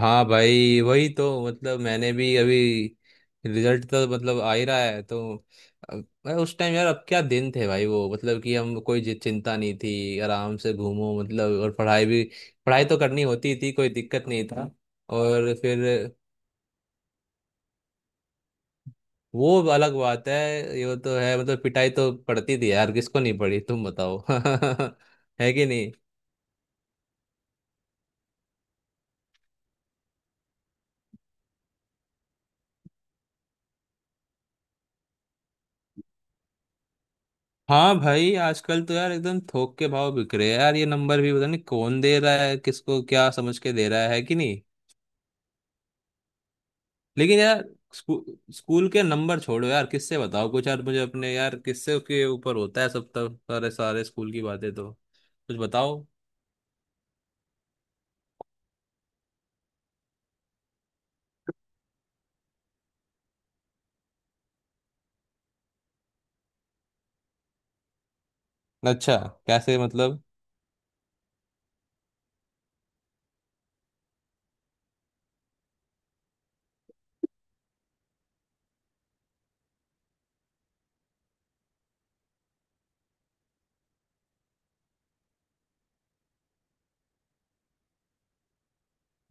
हाँ भाई, वही तो। मतलब मैंने भी अभी रिजल्ट तो, मतलब आ ही रहा है तो। मैं उस टाइम, यार अब क्या दिन थे भाई वो। मतलब कि हम कोई चिंता नहीं थी, आराम से घूमो, मतलब। और पढ़ाई भी, पढ़ाई तो करनी होती थी, कोई दिक्कत नहीं था। और फिर वो अलग बात है। ये तो है, मतलब पिटाई तो पड़ती थी यार, किसको नहीं पड़ी तुम बताओ। है कि नहीं। हाँ भाई, आजकल तो यार एकदम थोक के भाव बिक रहे हैं यार। ये नंबर भी पता नहीं कौन दे रहा है किसको, क्या समझ के दे रहा है, कि नहीं। लेकिन यार स्कू, स्कूल के नंबर छोड़ो यार। किससे बताओ कुछ यार, मुझे अपने यार किससे के ऊपर होता है सब तक सारे सारे स्कूल की बातें। तो कुछ बताओ। अच्छा, कैसे मतलब।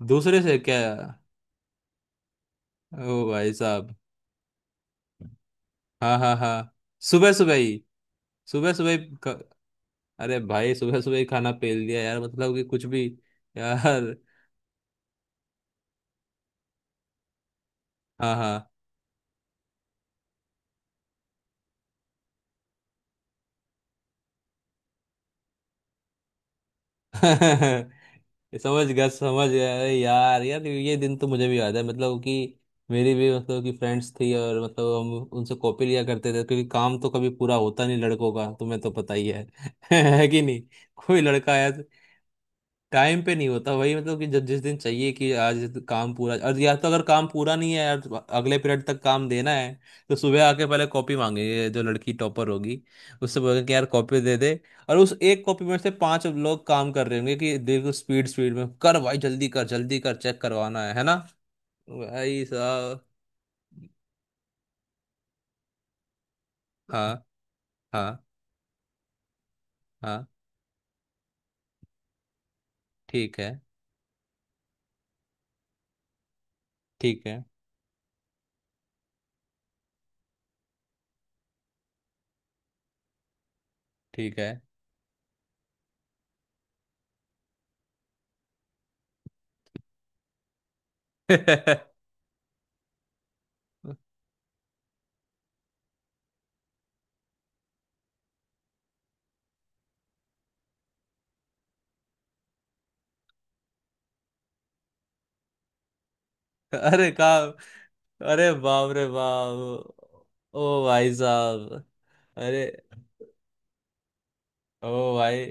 दूसरे से क्या। ओ भाई साहब। हाँ, हाँ, हाँ। सुबह सुबह ही। सुबह सुबह ही। क- अरे भाई सुबह सुबह ही खाना पेल दिया यार, मतलब कि कुछ भी यार। हाँ, हाँ। समझ गया, समझ गया। अरे यार यार, ये दिन तो मुझे भी याद है। मतलब कि मेरी भी, मतलब कि फ्रेंड्स थी, और मतलब हम उनसे कॉपी लिया करते थे, क्योंकि काम तो कभी पूरा होता नहीं लड़कों का, तुम्हें तो पता ही है। है कि नहीं। कोई लड़का आया तो टाइम पे नहीं होता, वही मतलब कि जब जिस दिन चाहिए कि आज काम पूरा, और या तो अगर काम पूरा नहीं है यार, अगले पीरियड तक काम देना है, तो सुबह आके पहले कॉपी मांगेंगे। जो लड़की टॉपर होगी उससे बोलेंगे कि यार कॉपी दे दे, और उस एक कॉपी में से पांच लोग काम कर रहे होंगे कि देखो स्पीड स्पीड में कर भाई, जल्दी कर जल्दी कर, चेक करवाना है ना। भाई साहब। हाँ, हाँ, हाँ। ठीक है, ठीक है, ठीक है। अरे काम। अरे बाप रे बाप। ओ भाई साहब। अरे। ओ भाई,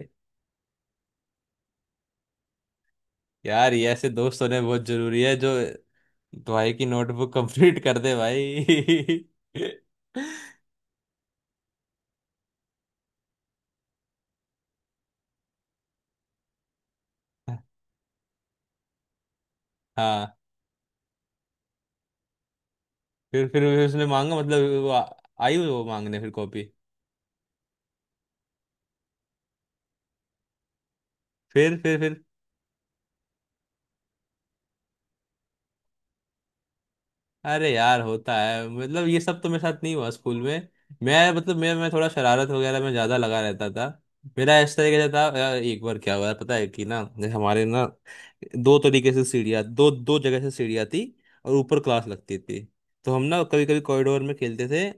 यार ये ऐसे दोस्त होने बहुत जरूरी है जो भाई की नोटबुक कंप्लीट कर दे भाई। हाँ। फिर उसने मांगा, मतलब वो आई वो मांगने फिर कॉपी। फिर, फिर, फिर। अरे यार होता है, मतलब ये सब तो मेरे साथ नहीं हुआ स्कूल में। मैं मतलब मैं थोड़ा शरारत वगैरह में ज्यादा लगा रहता था। मेरा इस तरीके से था। एक बार क्या हुआ पता है कि ना, जैसे हमारे ना दो तरीके से सीढ़ियाँ, दो दो जगह से सीढ़ियाँ थी, और ऊपर क्लास लगती थी। तो हम ना कभी कभी कॉरिडोर में खेलते थे।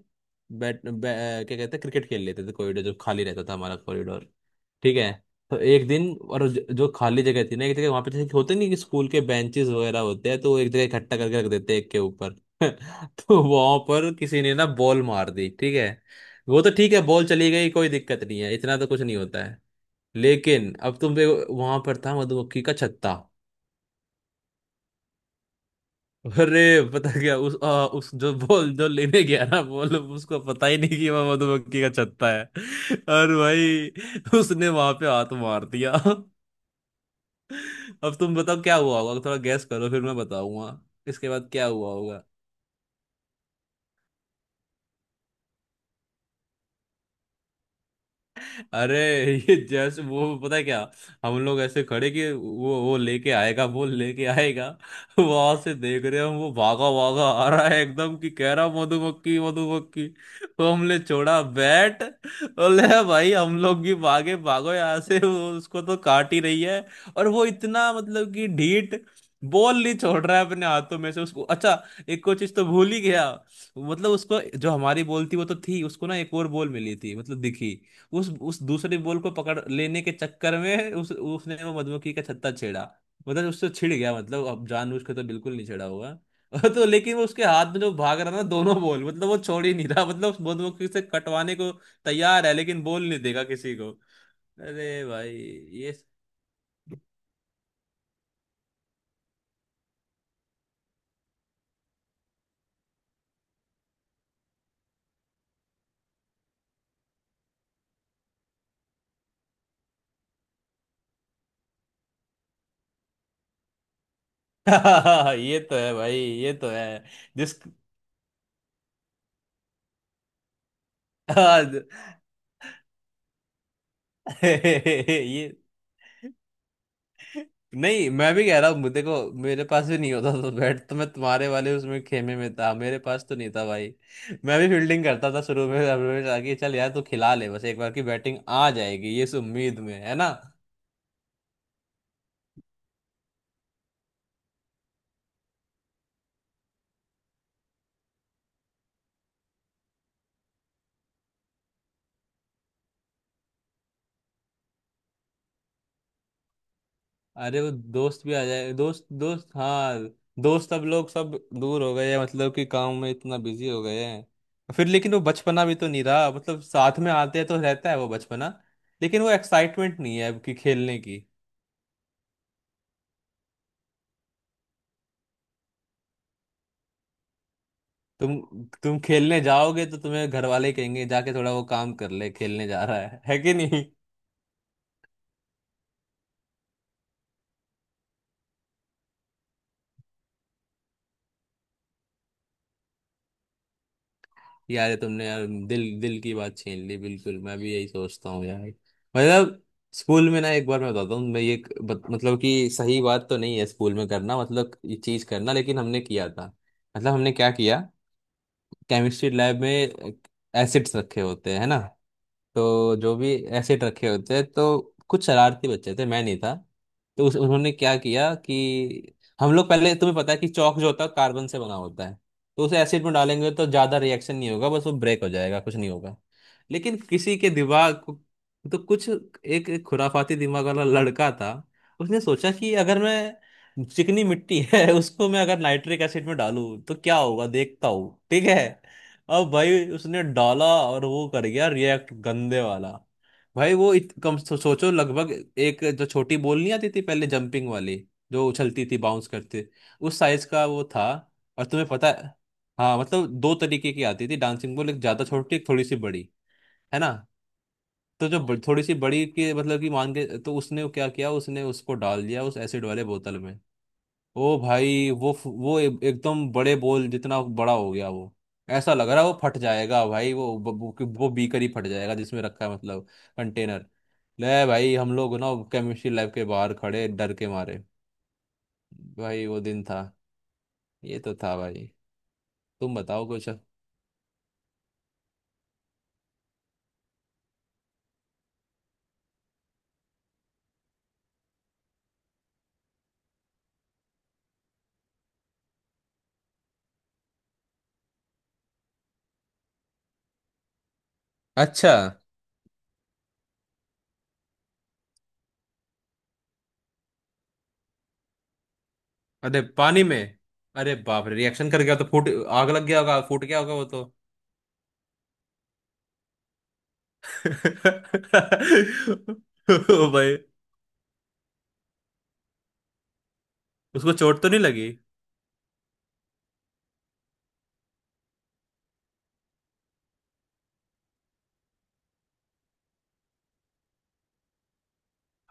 क्या कहते हैं, क्रिकेट खेल लेते थे कॉरिडोर, जब खाली रहता था हमारा कॉरिडोर। ठीक है। तो एक दिन, और जो खाली जगह थी ना एक जगह, वहां पे जैसे कि होते नहीं कि स्कूल के बेंचेस वगैरह होते हैं तो वो एक जगह इकट्ठा करके रख देते हैं एक के ऊपर। तो वहां पर किसी ने ना बॉल मार दी, ठीक है। वो तो ठीक है, बॉल चली गई, कोई दिक्कत नहीं है, इतना तो कुछ नहीं होता है। लेकिन अब तुम देखो, वहां पर था मधुमक्खी का छत्ता। अरे। पता क्या, उस उस जो बॉल जो लेने गया ना बॉल, उसको पता ही नहीं कि वह मधुमक्खी का छत्ता है। और भाई उसने वहां पे हाथ मार दिया। अब तुम बताओ क्या हुआ होगा, थोड़ा गैस करो फिर मैं बताऊंगा। इसके बाद क्या हुआ होगा। अरे ये जैसे वो, पता है क्या। हम लोग ऐसे खड़े कि वो लेके आएगा, वो लेके आएगा। वहां से देख रहे हम, वो भागा भागा आ रहा है एकदम, कि कह रहा मधुमक्खी मधुमक्खी। तो हमने छोड़ा बैट। बोले "हाँ भाई हम लोग भी भागे, भागो यहाँ से, वो उसको तो काट ही रही है।" और वो इतना मतलब कि ढीठ, बॉल नहीं छोड़ रहा है अपने हाथों में से उसको। अच्छा, एक और चीज तो भूल ही गया। मतलब उसको जो हमारी बॉल थी वो तो थी, उसको ना एक और बॉल मिली थी मतलब दिखी। उस दूसरे बॉल को पकड़ लेने के चक्कर में उस उसने वो मधुमक्खी का छत्ता छेड़ा। मतलब उससे छिड़ गया। मतलब अब जानबूझ के तो बिल्कुल नहीं छेड़ा होगा। और तो लेकिन वो उसके हाथ में जो भाग रहा ना दोनों बॉल, मतलब वो छोड़ ही नहीं रहा, मतलब उस मधुमक्खी से कटवाने को तैयार है, लेकिन बॉल नहीं देगा किसी को। अरे भाई ये। ये तो है भाई, ये तो है। जिस। हाँ। ये नहीं, मैं भी कह रहा हूँ, मुझे देखो, मेरे पास भी नहीं होता था बैट। तो मैं तुम्हारे वाले उसमें खेमे में था, मेरे पास तो नहीं था भाई। मैं भी फील्डिंग करता था शुरू में, रमेश आके चल यार तू खिला ले, बस एक बार की बैटिंग आ जाएगी, ये इस उम्मीद में, है ना। अरे वो दोस्त भी आ जाए, दोस्त दोस्त, हाँ। दोस्त अब लोग सब दूर हो गए हैं, मतलब कि काम में इतना बिजी हो गए हैं। फिर लेकिन वो बचपना भी तो नहीं रहा, मतलब साथ में आते हैं तो रहता है वो बचपना, लेकिन वो एक्साइटमेंट नहीं है अब कि खेलने की। तुम तुम खेलने जाओगे तो तुम्हें घर वाले कहेंगे जाके थोड़ा वो काम कर ले, खेलने जा रहा है कि नहीं। यार ये तुमने यार दिल दिल की बात छीन ली बिल्कुल, मैं भी यही सोचता हूँ यार। मतलब स्कूल में ना, एक बार मैं बताता हूँ। मैं ये एक मतलब कि सही बात तो नहीं है स्कूल में करना, मतलब ये चीज करना, लेकिन हमने किया था। मतलब हमने क्या किया। केमिस्ट्री लैब में एसिड्स रखे होते हैं, है ना। तो जो भी एसिड रखे होते हैं, तो कुछ शरारती बच्चे थे, मैं नहीं था। तो उस उन्होंने क्या किया कि हम लोग पहले, तुम्हें पता है कि चौक जो होता है कार्बन से बना होता है। तो उसे एसिड में डालेंगे तो ज़्यादा रिएक्शन नहीं होगा, बस वो ब्रेक हो जाएगा, कुछ नहीं होगा। लेकिन किसी के दिमाग को, तो कुछ एक एक खुराफाती दिमाग वाला लड़का था। उसने सोचा कि अगर मैं चिकनी मिट्टी है उसको मैं अगर नाइट्रिक एसिड में डालूं तो क्या होगा देखता हूँ, ठीक है। अब भाई उसने डाला, और वो कर गया रिएक्ट, गंदे वाला। भाई वो सोचो लगभग, एक जो छोटी बॉल नहीं आती थी पहले जंपिंग वाली, जो उछलती थी बाउंस करते, उस साइज का वो था। और तुम्हें पता है, हाँ मतलब दो तरीके की आती थी डांसिंग बॉल, एक ज्यादा छोटी, एक थोड़ी सी बड़ी, है ना। तो जो थोड़ी सी बड़ी के मतलब कि मान के, तो उसने क्या किया, उसने उसको डाल दिया उस एसिड वाले बोतल में। ओ भाई वो एकदम बड़े बोल जितना बड़ा हो गया वो। ऐसा लग रहा है वो फट जाएगा भाई, वो वो बीकर ही फट जाएगा जिसमें रखा है, मतलब कंटेनर। ले भाई, हम लोग ना केमिस्ट्री लैब के बाहर खड़े डर के मारे। भाई वो दिन था। ये तो था भाई। तुम बताओ कुछ। अच्छा। अरे पानी में। अरे बाप रे, रिएक्शन कर गया तो फूट, आग लग गया होगा, फूट गया होगा वो तो। ओ भाई। उसको चोट तो नहीं लगी।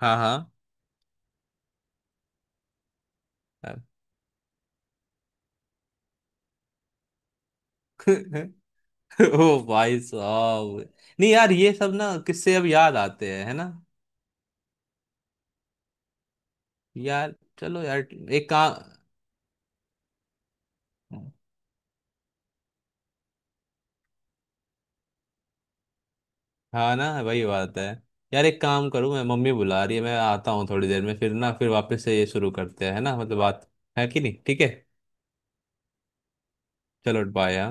हाँ, हाँ। ओ भाई साहब। नहीं यार, ये सब ना किससे अब याद आते हैं, है ना। यार चलो यार, एक काम। हाँ ना वही बात है। यार एक काम करूँ, मैं मम्मी बुला रही है, मैं आता हूँ थोड़ी देर में, फिर ना फिर वापस से ये शुरू करते हैं, है ना, मतलब बात। है कि नहीं, ठीक है। चलो बाय, हाँ।